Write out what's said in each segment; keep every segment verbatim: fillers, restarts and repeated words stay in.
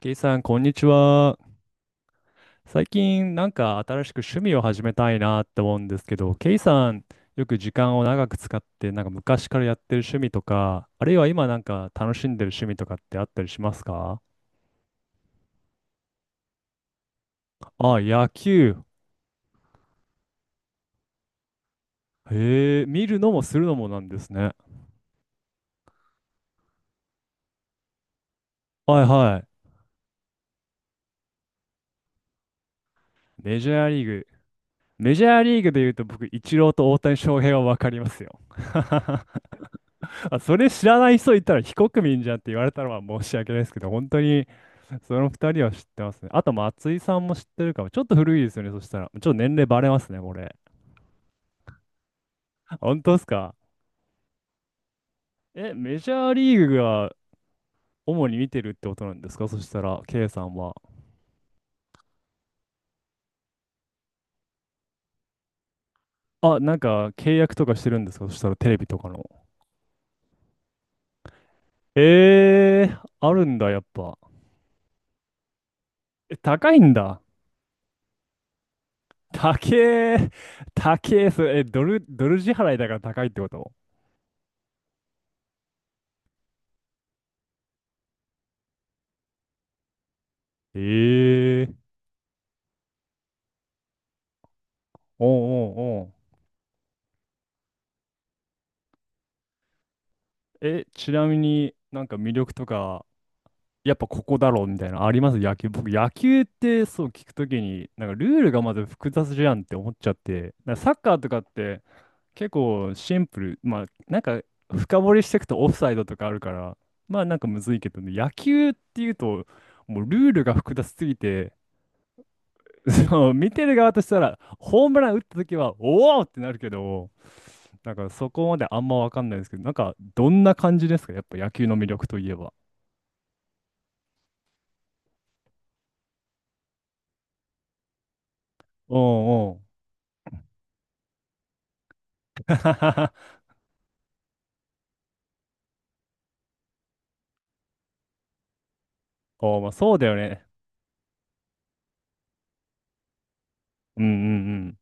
ケイさん、こんにちは。最近、なんか新しく趣味を始めたいなって思うんですけど、ケイさん、よく時間を長く使って、なんか昔からやってる趣味とか、あるいは今なんか楽しんでる趣味とかってあったりしますか？あ、野球。へえ、見るのもするのもなんですね。はいはい。メジャーリーグ。メジャーリーグで言うと僕、イチローと大谷翔平はわかりますよ。あ、それ知らない人いたら非国民じゃんって言われたのは申し訳ないですけど、本当にその二人は知ってますね。あと、松井さんも知ってるかも。ちょっと古いですよね、そしたら。ちょっと年齢バレますね、これ。本当ですか？え、メジャーリーグが主に見てるってことなんですかそしたら、K さんは。あ、なんか契約とかしてるんですかそしたら、テレビとかの。えー、あるんだ、やっぱ。え、高いんだ。高え、高え、それ、え、ドル、ドル支払いだから高いってこと？ええー、おうおうおう。え、ちなみになんか魅力とか、やっぱここだろうみたいなのあります野球。僕、野球ってそう聞くときに、なんかルールがまず複雑じゃんって思っちゃって、なんかサッカーとかって結構シンプル、まあなんか深掘りしていくとオフサイドとかあるから、まあなんかむずいけどね、野球っていうと、もうルールが複雑すぎて、そう、見てる側としたら、ホームラン打ったときは、おおってなるけど、なんかそこまであんまわかんないですけど、なんかどんな感じですかやっぱ野球の魅力といえば。おうおう。おー、まあ、そうだよね。うんうんうん。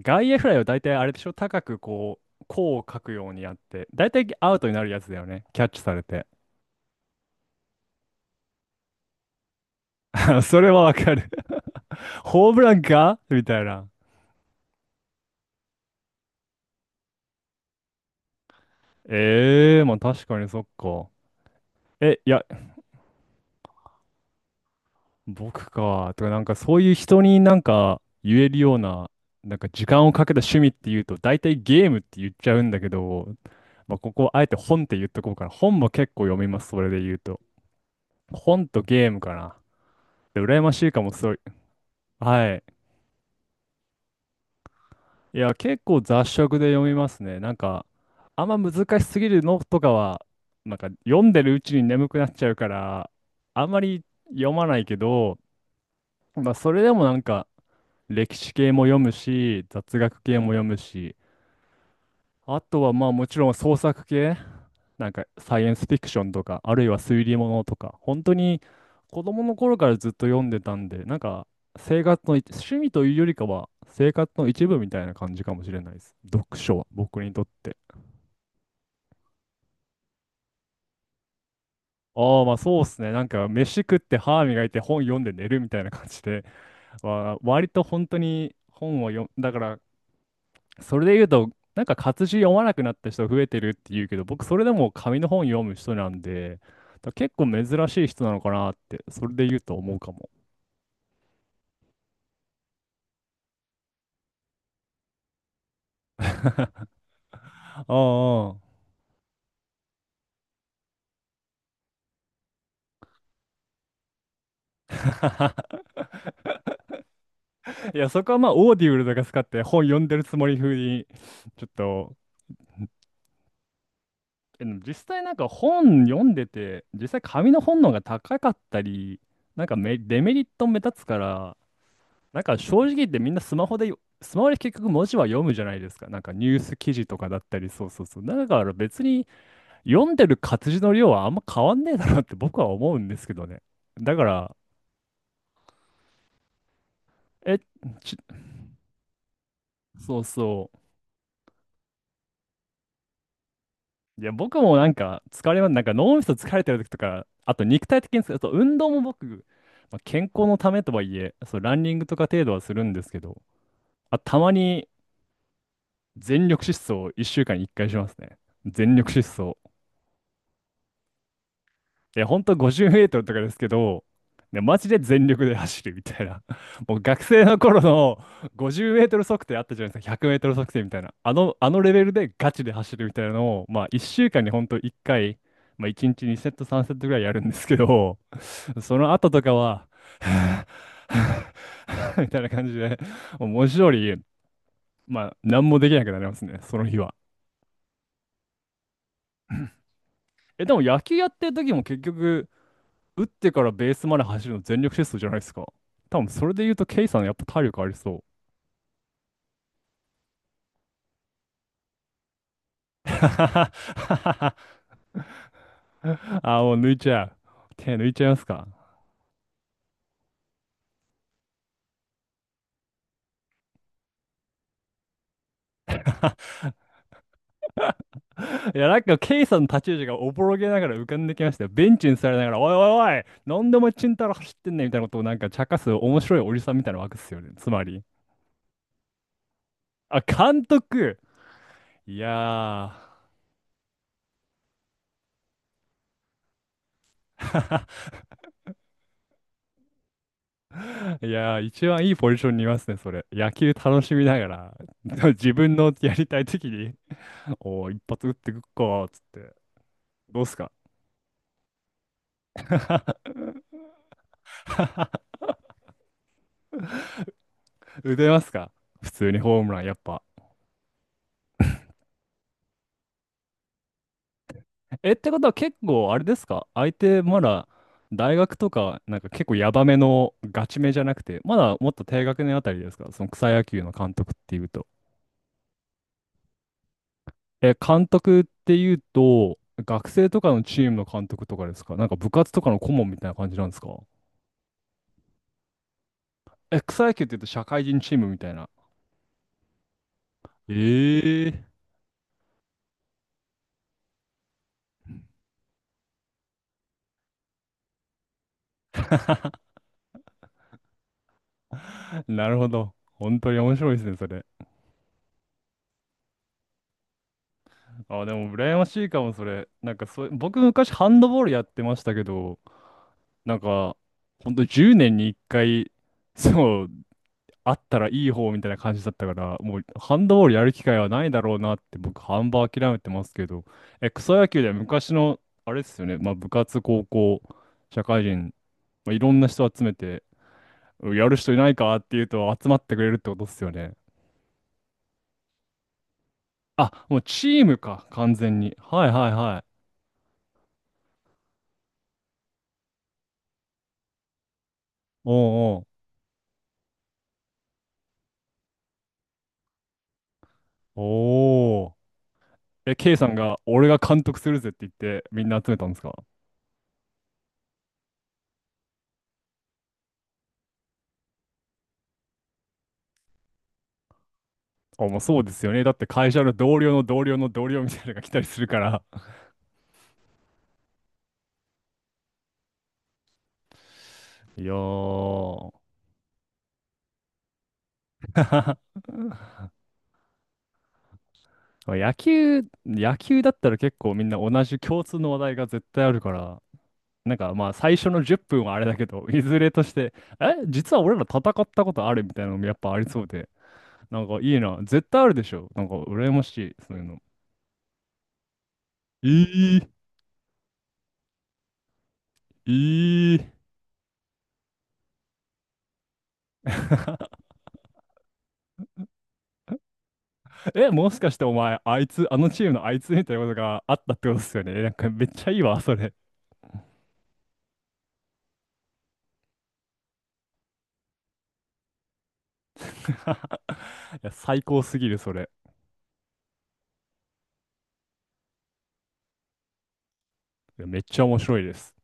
外野フライを大体あれでしょ高くこう、弧を書くようにやって、大体アウトになるやつだよね。キャッチされて。それはわかる。ホームランかみたいな。ええー、まあ確かにそっか。え、いや、僕か。とか、なんかそういう人になんか言えるような、なんか時間をかけた趣味っていうと、大体ゲームって言っちゃうんだけど、まあここあえて本って言っとこうかな。本も結構読みます、それで言うと。本とゲームかな。羨ましいかも、すごい。はい。いや、結構雑食で読みますね。なんか、あんま難しすぎるのとかは、なんか読んでるうちに眠くなっちゃうから、あんまり読まないけど、まあ、それでもなんか、歴史系も読むし、雑学系も読むし、あとはまあもちろん創作系、なんかサイエンスフィクションとか、あるいは推理物とか、本当に子供の頃からずっと読んでたんで、なんか生活の一、趣味というよりかは生活の一部みたいな感じかもしれないです。読書は僕にとって。ああ、まあそうっすね。なんか飯食って歯磨いて本読んで寝るみたいな感じで、わ割と本当に本を読ん、だからそれで言うと、なんか活字読まなくなった人増えてるって言うけど、僕それでも紙の本読む人なんで、だ結構珍しい人なのかなって、それで言うと思うかも。ああ、ああ。 いや、そこはまあ、オーディブルとか使って本読んでるつもり風に、ちょっと、えでも実際なんか本読んでて、実際紙の本の方が高かったり、なんかメデメリット目立つから、なんか正直言ってみんなスマホで、スマホで結局文字は読むじゃないですか。なんかニュース記事とかだったり、そうそうそう。だから別に読んでる活字の量はあんま変わんねえだろうって僕は思うんですけどね。だから、え、ち、そうそう。いや、僕もなんか疲れます。なんか脳みそ疲れてる時とか、あと肉体的に疲れ、あと運動も僕、まあ、健康のためとはいえ、そう、ランニングとか程度はするんですけど、あ、たまに全力疾走をいっしゅうかんにいっかいしますね。全力疾走。いや、ほんとごじゅうメートルとかですけど、ね、マジで全力で走るみたいな。もう学生の頃のごじゅうメートル測定あったじゃないですか、ひゃくメートル測定みたいな。あの、あのレベルでガチで走るみたいなのを、まあいっしゅうかんにほんといっかい、まあいちにちにセットさんセットぐらいやるんですけど、その後とかは。 みたいな感じで、もう文字通り、まあ何もできなくなりますね、その日は。え、でも野球やってる時も結局、打ってからベースまで走るの全力疾走じゃないですか。多分それで言うと、ケイさんやっぱ体力ありそう。あー、もう抜いちゃう。手抜いちゃいますか？いや、なんか、ケイさんの立ち位置がおぼろげながら浮かんできましたよ。ベンチに座りながら、おいおいおい、なんでお前チンタラ走ってんねんみたいなことをなんか茶化す面白いおじさんみたいなわけですよね。つまり。あ、監督。いやー。いやー、一番いいポジションにいますね、それ。野球楽しみながら、自分のやりたい時におー一発打ってくっか、つって。どうっすか？ 打てますか？普通にホームラン、やっぱ。え、ってことは結構、あれですか相手、まだ、大学とか、なんか結構ヤバめのガチめじゃなくて、まだもっと低学年あたりですかその草野球の監督っていうと。え、監督っていうと、学生とかのチームの監督とかですか？なんか部活とかの顧問みたいな感じなんですか？え、草野球って言うと社会人チームみたいな。ええー。なるほど。本当に面白いですね、それ。あ、でも羨ましいかも、それ。なんかそ僕昔ハンドボールやってましたけど、なんか、ほんとじゅうねんにいっかい、そう、あったらいい方みたいな感じだったから、もうハンドボールやる機会はないだろうなって僕、半ば諦めてますけど、え、草野球では昔の、あれですよね、まあ部活、高校、社会人、まあ、いろんな人集めて、うんやる人いないかっていうと集まってくれるってことですよね。あ、もうチームか、完全に。はいはいはい。おうおう。おお。え、K さんが、俺が監督するぜって言って、みんな集めたんですか？あ、まあそうですよね。だって会社の同僚の同僚の同僚みたいなのが来たりするから。いやー、まあ野球、野球だったら結構みんな同じ共通の話題が絶対あるから、なんかまあ最初のじゅっぷんはあれだけど、いずれとして、え、実は俺ら戦ったことあるみたいなのもやっぱありそうで、なんかいいな、絶対あるでしょ。なんか羨ましい、そういうの。いい、いい。え、もしかしてお前、あいつ、あのチームのあいつみたいなことがあったってことですよね。なんかめっちゃいいわ、それ。いや、最高すぎる、それ。いやめっちゃ面白いです。